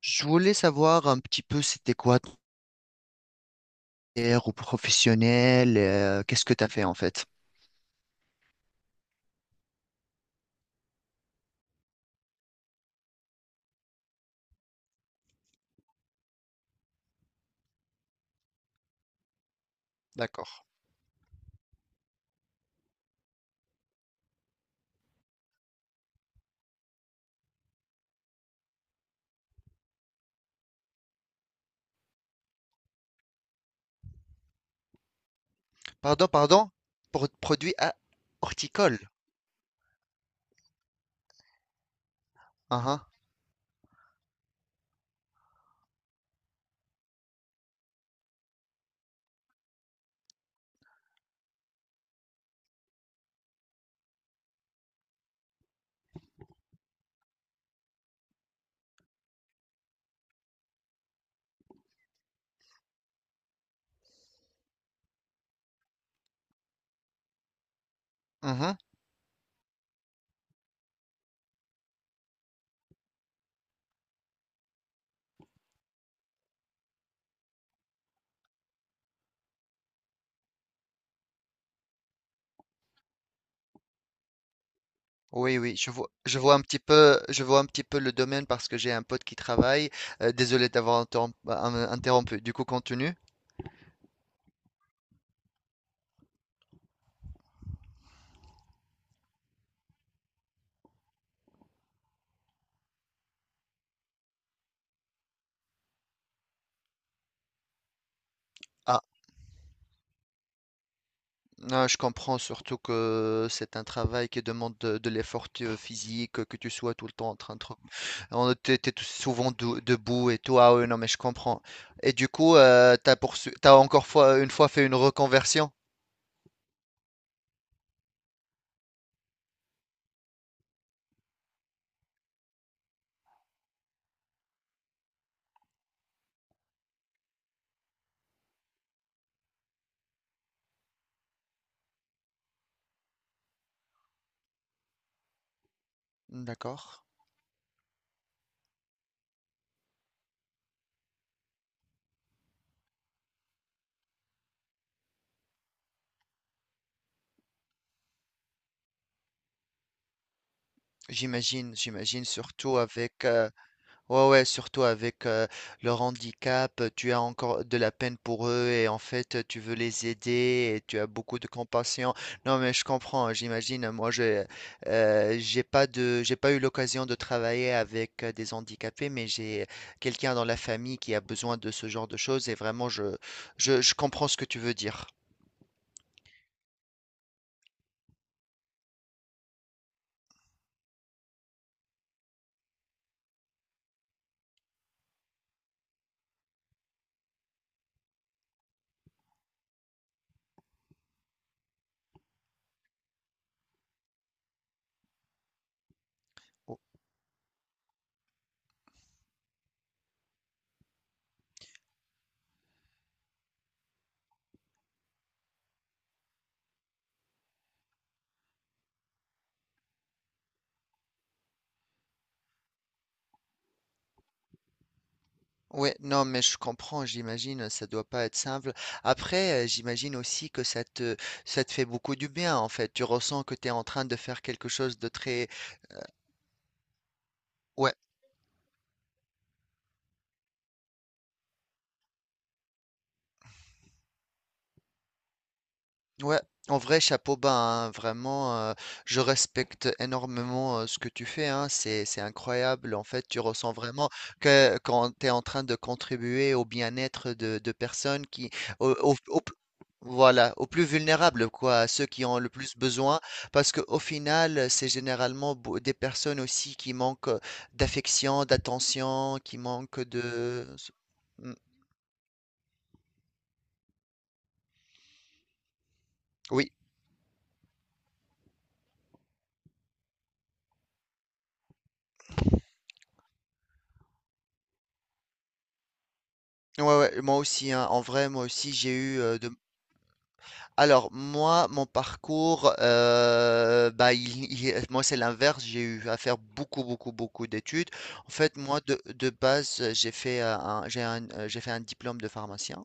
Je voulais savoir un petit peu c'était quoi ton carrière au professionnel, qu'est-ce que tu as fait en fait? D'accord. Pardon, pardon, pour produit à horticole. Uhum, uhum. Oui, oui, je vois un petit peu le domaine parce que j'ai un pote qui travaille. Désolé d'avoir interrompu. Du coup, continue. Ah, je comprends surtout que c'est un travail qui demande de l'effort physique, que tu sois tout le temps en train On t'es, t'es tout- souvent dou- debout et tout. Ah oui, non, mais je comprends. Et du coup, t'as poursu- t'as encore fois, une fois fait une reconversion? D'accord. J'imagine, j'imagine surtout avec... Ouais, ouais, surtout avec leur handicap, tu as encore de la peine pour eux et en fait tu veux les aider et tu as beaucoup de compassion. Non, mais je comprends, j'imagine. Moi, je j'ai pas de j'ai pas eu l'occasion de travailler avec des handicapés, mais j'ai quelqu'un dans la famille qui a besoin de ce genre de choses et vraiment je comprends ce que tu veux dire. Ouais, non, mais je comprends, j'imagine, ça doit pas être simple. Après, j'imagine aussi ça te fait beaucoup du bien, en fait. Tu ressens que tu es en train de faire quelque chose de très, ouais. Ouais, en vrai, chapeau bas, hein, vraiment, je respecte énormément ce que tu fais, hein, c'est incroyable. En fait, tu ressens vraiment que quand tu es en train de contribuer au bien-être de personnes qui, au, au- au voilà, aux plus vulnérables, quoi, à ceux qui ont le plus besoin, parce qu'au final, c'est généralement des personnes aussi qui manquent d'affection, d'attention, qui manquent de... Mm. Oui, ouais, ouais, moi aussi, hein, en vrai, moi aussi, j'ai eu de Alors, moi, mon parcours, bah, moi, c'est l'inverse. J'ai eu à faire beaucoup, beaucoup, beaucoup d'études. En fait, moi, de base, j'ai fait j'ai fait un diplôme de pharmacien.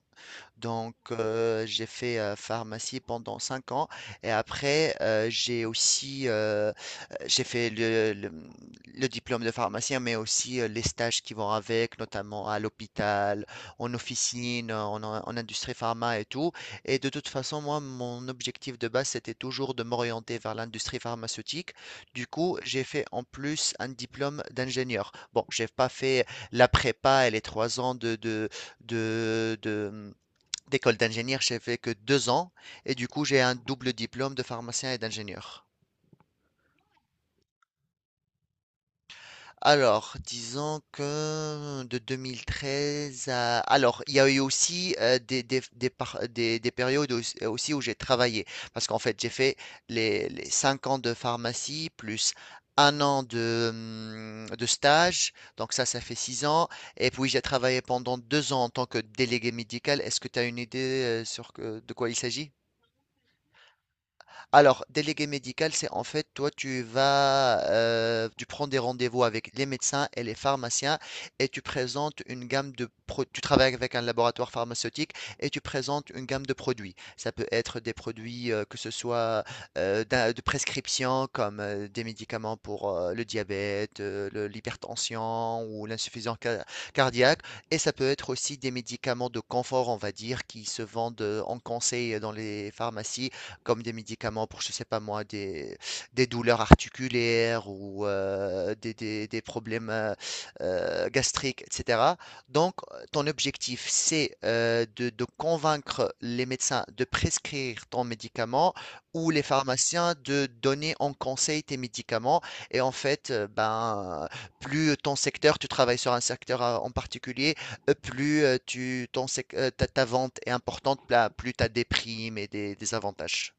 Donc, j'ai fait pharmacie pendant 5 ans et après, j'ai aussi j'ai fait le diplôme de pharmacien, mais aussi les stages qui vont avec, notamment à l'hôpital, en officine, industrie pharma et tout. Et de toute façon, moi, mon objectif de base, c'était toujours de m'orienter vers l'industrie pharmaceutique. Du coup, j'ai fait en plus un diplôme d'ingénieur. Bon, j'ai pas fait la prépa et les 3 ans de, de, d'école d'ingénieur, j'ai fait que 2 ans et du coup j'ai un double diplôme de pharmacien et d'ingénieur. Alors, disons que de 2013 à... Alors, il y a eu aussi des périodes aussi où j'ai travaillé. Parce qu'en fait, j'ai fait les 5 ans de pharmacie plus 1 an de stage. Donc ça fait 6 ans. Et puis, j'ai travaillé pendant 2 ans en tant que délégué médical. Est-ce que tu as une idée de quoi il s'agit? Alors, délégué médical, c'est en fait, toi, tu vas, tu prends des rendez-vous avec les médecins et les pharmaciens et tu présentes une gamme tu travailles avec un laboratoire pharmaceutique et tu présentes une gamme de produits. Ça peut être des produits que ce soit de prescription comme des médicaments pour le diabète, l'hypertension ou l'insuffisance cardiaque et ça peut être aussi des médicaments de confort, on va dire, qui se vendent en conseil dans les pharmacies comme des médicaments pour, je sais pas moi, des douleurs articulaires ou des problèmes gastriques, etc. Donc, ton objectif, c'est de convaincre les médecins de prescrire ton médicament ou les pharmaciens de donner en conseil tes médicaments. Et en fait, plus ton secteur, tu travailles sur un secteur en particulier, plus tu, ton sec- ta, ta vente est importante, là, plus tu as des primes et des avantages.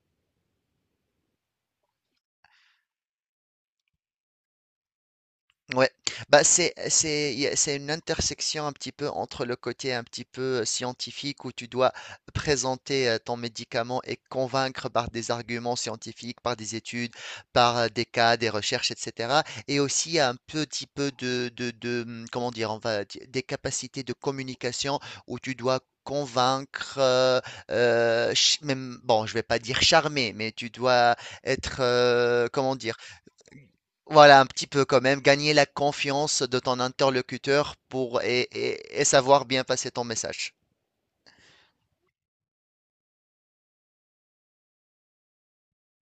Ouais, bah, c'est y a c'est une intersection un petit peu entre le côté un petit peu scientifique où tu dois présenter ton médicament et convaincre par des arguments scientifiques, par des études, par des cas, des recherches, etc. Et aussi un petit peu comment dire, on va dire, des capacités de communication où tu dois convaincre, même, bon, je vais pas dire charmer, mais tu dois être, comment dire, voilà, un petit peu quand même, gagner la confiance de ton interlocuteur pour et savoir bien passer ton message.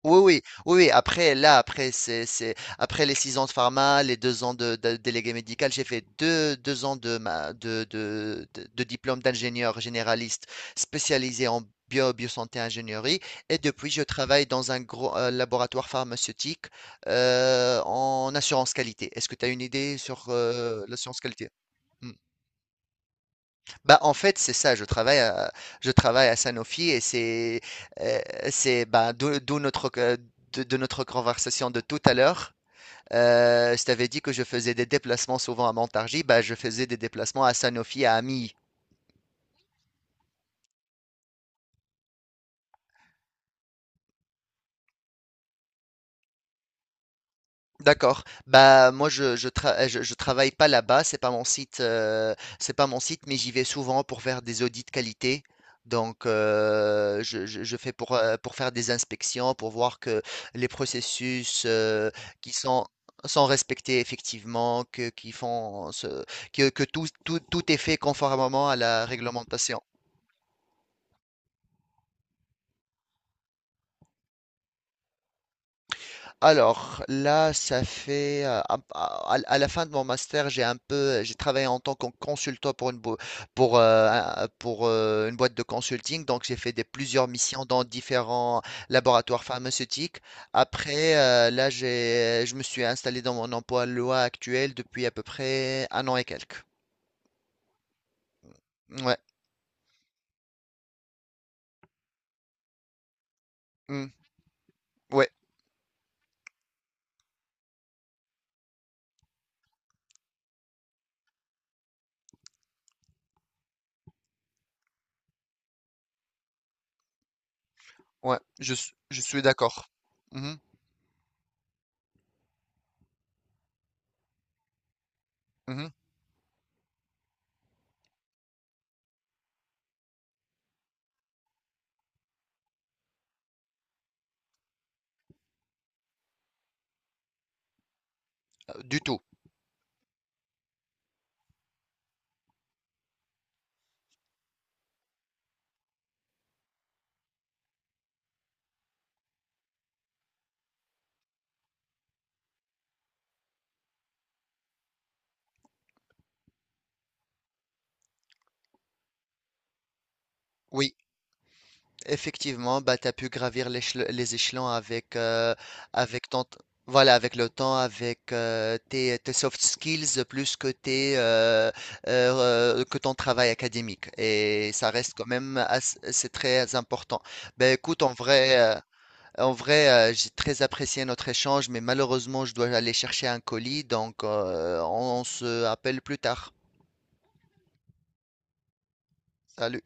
Oui, oui, oui, oui. Après, là, après, après les 6 ans de pharma, les 2 ans délégué médical, j'ai fait 2 ans de, ma, de diplôme d'ingénieur généraliste spécialisé en bio, biosanté ingénierie. Et depuis, je travaille dans un gros laboratoire pharmaceutique en assurance qualité. Est-ce que tu as une idée sur l'assurance qualité? Hmm. Bah, en fait, c'est ça, je travaille à Sanofi et euh, bah, d'où notre, de notre conversation de tout à l'heure. Je t'avais dit que je faisais des déplacements souvent à Montargis, bah, je faisais des déplacements à Sanofi, à Ami. D'accord. Bah moi je travaille pas là-bas, c'est pas mon site c'est pas mon site, mais j'y vais souvent pour faire des audits qualité. Donc je fais pour faire des inspections, pour voir que les processus qui sont sont respectés effectivement, que qui font ce- que tout est fait conformément à la réglementation. Alors là, ça fait à la fin de mon master, j'ai travaillé en tant que consultant pour pour une boîte de consulting. Donc j'ai fait des plusieurs missions dans différents laboratoires pharmaceutiques. Après, là, je me suis installé dans mon emploi loi actuel depuis à peu près 1 an et quelques. Ouais, mm, ouais, ouais. Je suis d'accord. Mhm, mhm, Du tout. Oui. Effectivement, bah, tu as pu gravir les échelons avec, avec ton, voilà, avec le temps, avec tes, tes soft skills, plus que, tes, que ton travail académique. Et ça reste quand même assez- c'est très important. Ben, écoute, en vrai, j'ai très apprécié notre échange, mais malheureusement, je dois aller chercher un colis, donc on se appelle plus tard. Salut.